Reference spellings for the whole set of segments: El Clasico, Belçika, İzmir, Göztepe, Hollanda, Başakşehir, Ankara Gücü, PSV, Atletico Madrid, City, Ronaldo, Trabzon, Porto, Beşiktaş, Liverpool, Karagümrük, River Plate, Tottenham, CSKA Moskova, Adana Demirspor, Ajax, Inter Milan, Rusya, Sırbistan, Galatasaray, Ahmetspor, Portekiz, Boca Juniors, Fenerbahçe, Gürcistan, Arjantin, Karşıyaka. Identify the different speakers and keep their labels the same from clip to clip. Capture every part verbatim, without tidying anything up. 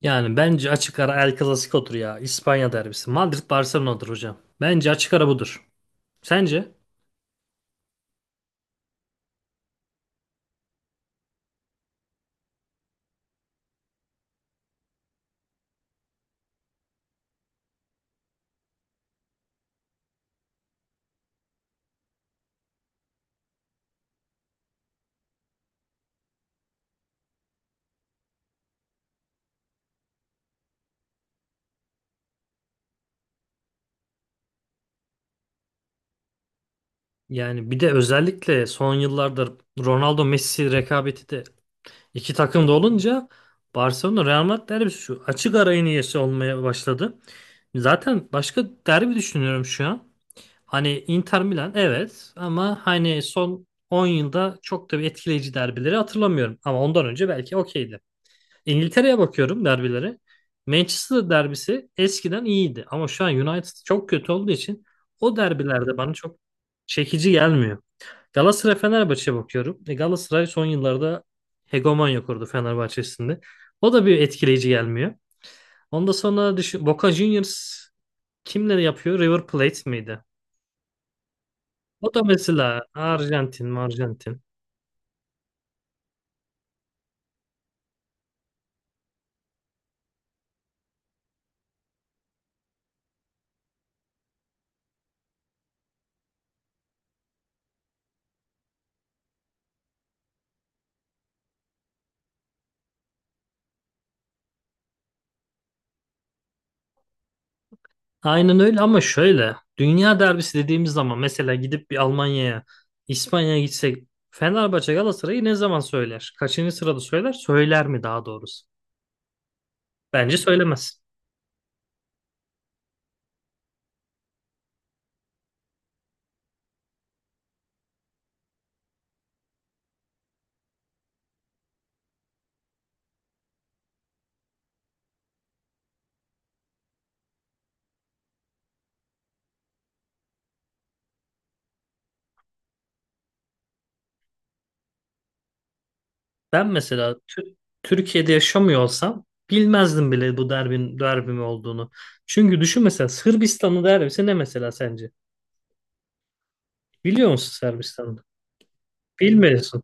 Speaker 1: Yani bence açık ara El Clasico'dur ya. İspanya derbisi. Madrid Barcelona'dır hocam. Bence açık ara budur. Sence? Yani bir de özellikle son yıllarda Ronaldo Messi rekabeti de iki takımda olunca Barcelona Real Madrid derbisi şu açık ara en iyisi olmaya başladı. Zaten başka derbi düşünüyorum şu an. Hani Inter Milan, evet, ama hani son on yılda çok da bir etkileyici derbileri hatırlamıyorum. Ama ondan önce belki okeydi. İngiltere'ye bakıyorum derbilere. Manchester derbisi eskiden iyiydi ama şu an United çok kötü olduğu için o derbilerde bana çok çekici gelmiyor. Galatasaray Fenerbahçe'ye bakıyorum. E, Galatasaray son yıllarda hegemonya kurdu Fenerbahçe'sinde. O da bir etkileyici gelmiyor. Ondan sonra düşün, Boca Juniors kimleri yapıyor? River Plate miydi? O da mesela Arjantin, Arjantin. Aynen öyle, ama şöyle dünya derbisi dediğimiz zaman mesela gidip bir Almanya'ya, İspanya'ya gitsek Fenerbahçe Galatasaray'ı ne zaman söyler? Kaçıncı sırada söyler? Söyler mi daha doğrusu? Bence söylemez. Ben mesela Tü- Türkiye'de yaşamıyor olsam bilmezdim bile bu derbin derbi mi olduğunu. Çünkü düşün mesela Sırbistan'ın derbisi ne mesela sence? Biliyor musun Sırbistan'ı? Bilmiyorsun.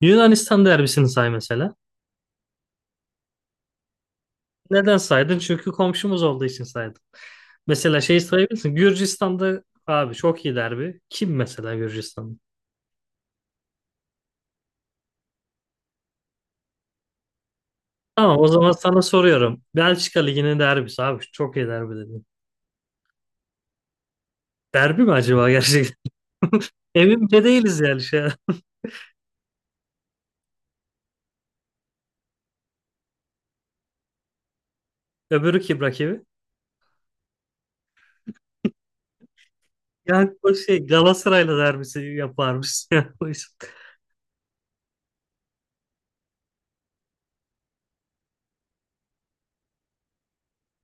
Speaker 1: Yunanistan derbisini say mesela. Neden saydın? Çünkü komşumuz olduğu için saydın. Mesela şey sayabilirsin. Gürcistan'da abi çok iyi derbi. Kim mesela Gürcistan'da? Tamam, o zaman sana soruyorum. Belçika Ligi'nin derbisi abi çok iyi derbi dedim. Derbi mi acaba gerçekten? Emin de değiliz yani şey. Öbürü kim rakibi? Yani o şey Galatasaray'la derbisi yaparmış. Yani o iş.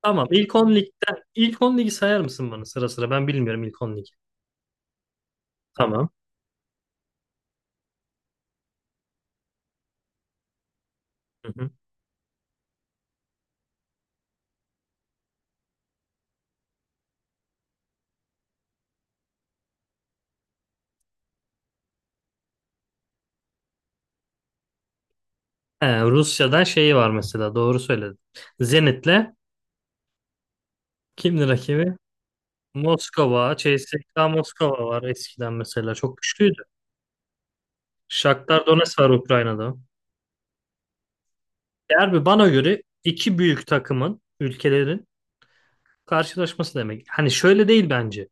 Speaker 1: Tamam, ilk on ligden ilk on ligi sayar mısın bana sıra sıra? Ben bilmiyorum ilk on ligi. Tamam. Hı hı. He, Rusya'dan şeyi var mesela, doğru söyledin. Zenit'le kimdi rakibi? Moskova, C S K A Moskova var eskiden mesela. Çok güçlüydü. Shakhtar Donetsk var Ukrayna'da. Derbi bana göre iki büyük takımın, ülkelerin karşılaşması demek. Hani şöyle değil bence.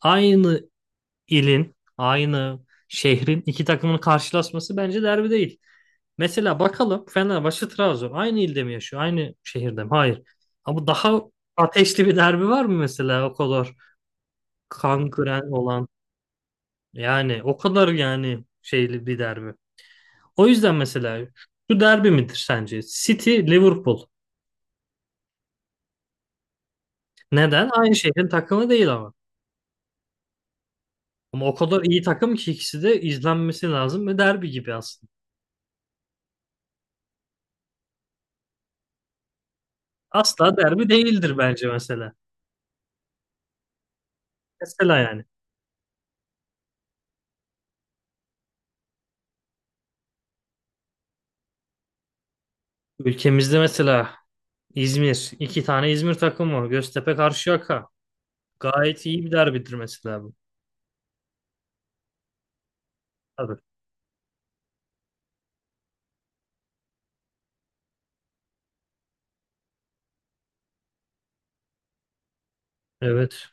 Speaker 1: Aynı ilin, aynı şehrin iki takımın karşılaşması bence derbi değil. Mesela bakalım Fenerbahçe Trabzon aynı ilde mi yaşıyor? Aynı şehirde mi? Hayır. Ama daha ateşli bir derbi var mı mesela o kadar kan kıran olan? Yani o kadar yani şeyli bir derbi. O yüzden mesela şu derbi midir sence? City Liverpool. Neden? Aynı şehrin takımı değil ama. Ama o kadar iyi takım ki ikisi de izlenmesi lazım ve derbi gibi aslında. Asla derbi değildir bence mesela. Mesela yani. Ülkemizde mesela İzmir. İki tane İzmir takımı. Göztepe Karşıyaka. Gayet iyi bir derbidir mesela bu. Tabii. Evet.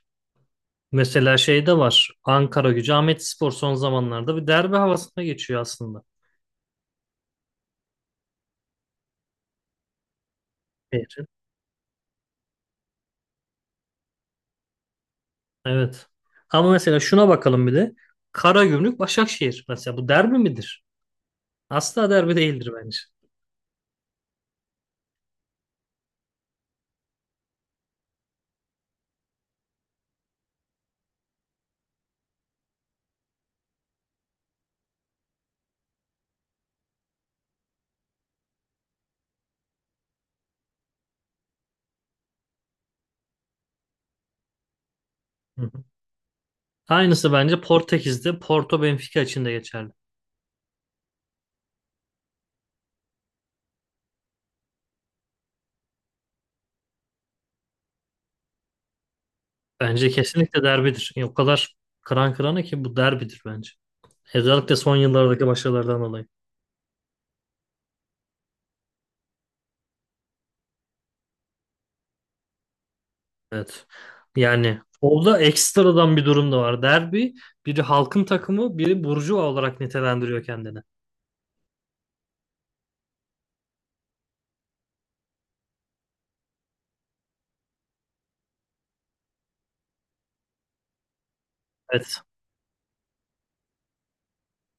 Speaker 1: Mesela şey de var. Ankara Gücü Ahmetspor son zamanlarda bir derbi havasına geçiyor aslında. Evet. Evet. Ama mesela şuna bakalım bir de. Karagümrük Başakşehir. Mesela bu derbi midir? Asla derbi değildir bence. Hı hı. Aynısı bence Portekiz'de Porto Benfica için de geçerli. Bence kesinlikle derbidir. Yani o kadar kıran kırana ki bu derbidir bence. Özellikle son yıllardaki başarılardan dolayı. Evet. Yani orada ekstradan bir durum da var. Derbi biri halkın takımı, biri burjuva olarak nitelendiriyor kendini. Evet.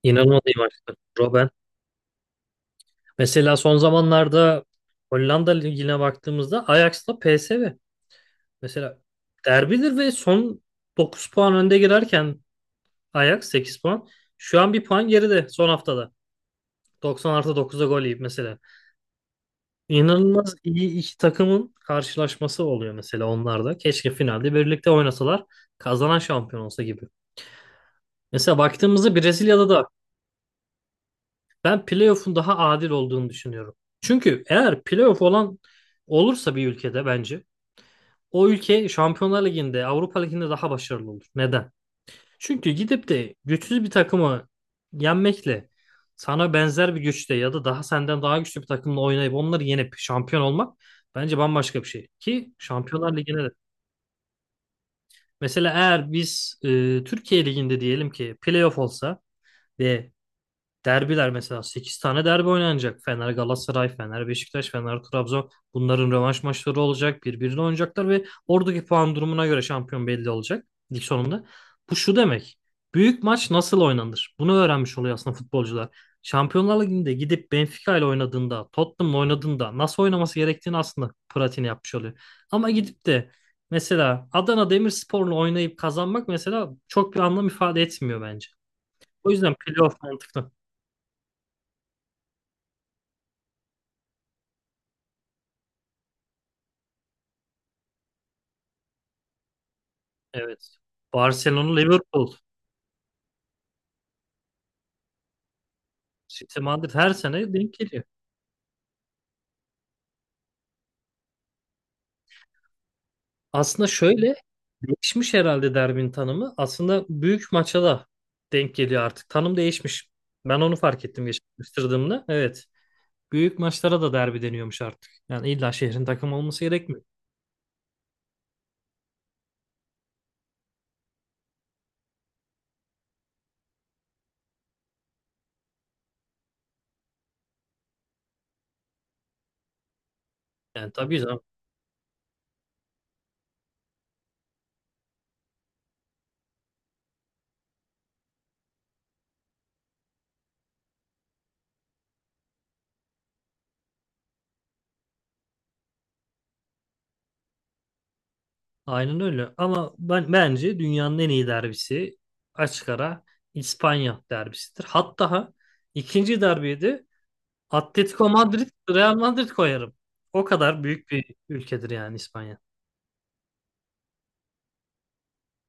Speaker 1: İnanılmaz iyi maçtı. Robben. Mesela son zamanlarda Hollanda Ligi'ne baktığımızda Ajax'la P S V. Mesela derbidir ve son dokuz puan önde girerken Ajax sekiz puan. Şu an bir puan geride son haftada. Doksan artı dokuzda gol yiyip mesela. İnanılmaz iyi iki takımın karşılaşması oluyor mesela onlarda. Keşke finalde birlikte oynasalar, kazanan şampiyon olsa gibi. Mesela baktığımızda Brezilya'da da ben playoff'un daha adil olduğunu düşünüyorum. Çünkü eğer playoff olan olursa bir ülkede bence o ülke Şampiyonlar Ligi'nde, Avrupa Ligi'nde daha başarılı olur. Neden? Çünkü gidip de güçsüz bir takımı yenmekle sana benzer bir güçte ya da daha senden daha güçlü bir takımla oynayıp onları yenip şampiyon olmak bence bambaşka bir şey. Ki Şampiyonlar Ligi'ne de. Mesela eğer biz e, Türkiye Ligi'nde diyelim ki playoff olsa ve Derbiler mesela sekiz tane derbi oynanacak. Fener Galatasaray, Fener Beşiktaş, Fener Trabzon. Bunların rövanş maçları olacak. Birbirine oynayacaklar ve oradaki puan durumuna göre şampiyon belli olacak lig sonunda. Bu şu demek. Büyük maç nasıl oynanır? Bunu öğrenmiş oluyor aslında futbolcular. Şampiyonlar Ligi'nde gidip Benfica ile oynadığında, Tottenham'la oynadığında nasıl oynaması gerektiğini aslında pratiğini yapmış oluyor. Ama gidip de mesela Adana Demirspor'la oynayıp kazanmak mesela çok bir anlam ifade etmiyor bence. O yüzden playoff mantıklı. Evet. Barcelona, Liverpool, City, Madrid her sene denk geliyor. Aslında şöyle değişmiş herhalde derbinin tanımı. Aslında büyük maça da denk geliyor artık. Tanım değişmiş. Ben onu fark ettim geçen araştırdığımda. Evet. Büyük maçlara da derbi deniyormuş artık. Yani illa şehrin takımı olması gerekmiyor. Yani tabii canım. Aynen öyle. Ama ben bence dünyanın en iyi derbisi açık ara İspanya derbisidir. Hatta ikinci derbiyi de. Atletico Madrid, Real Madrid koyarım. O kadar büyük bir ülkedir yani İspanya.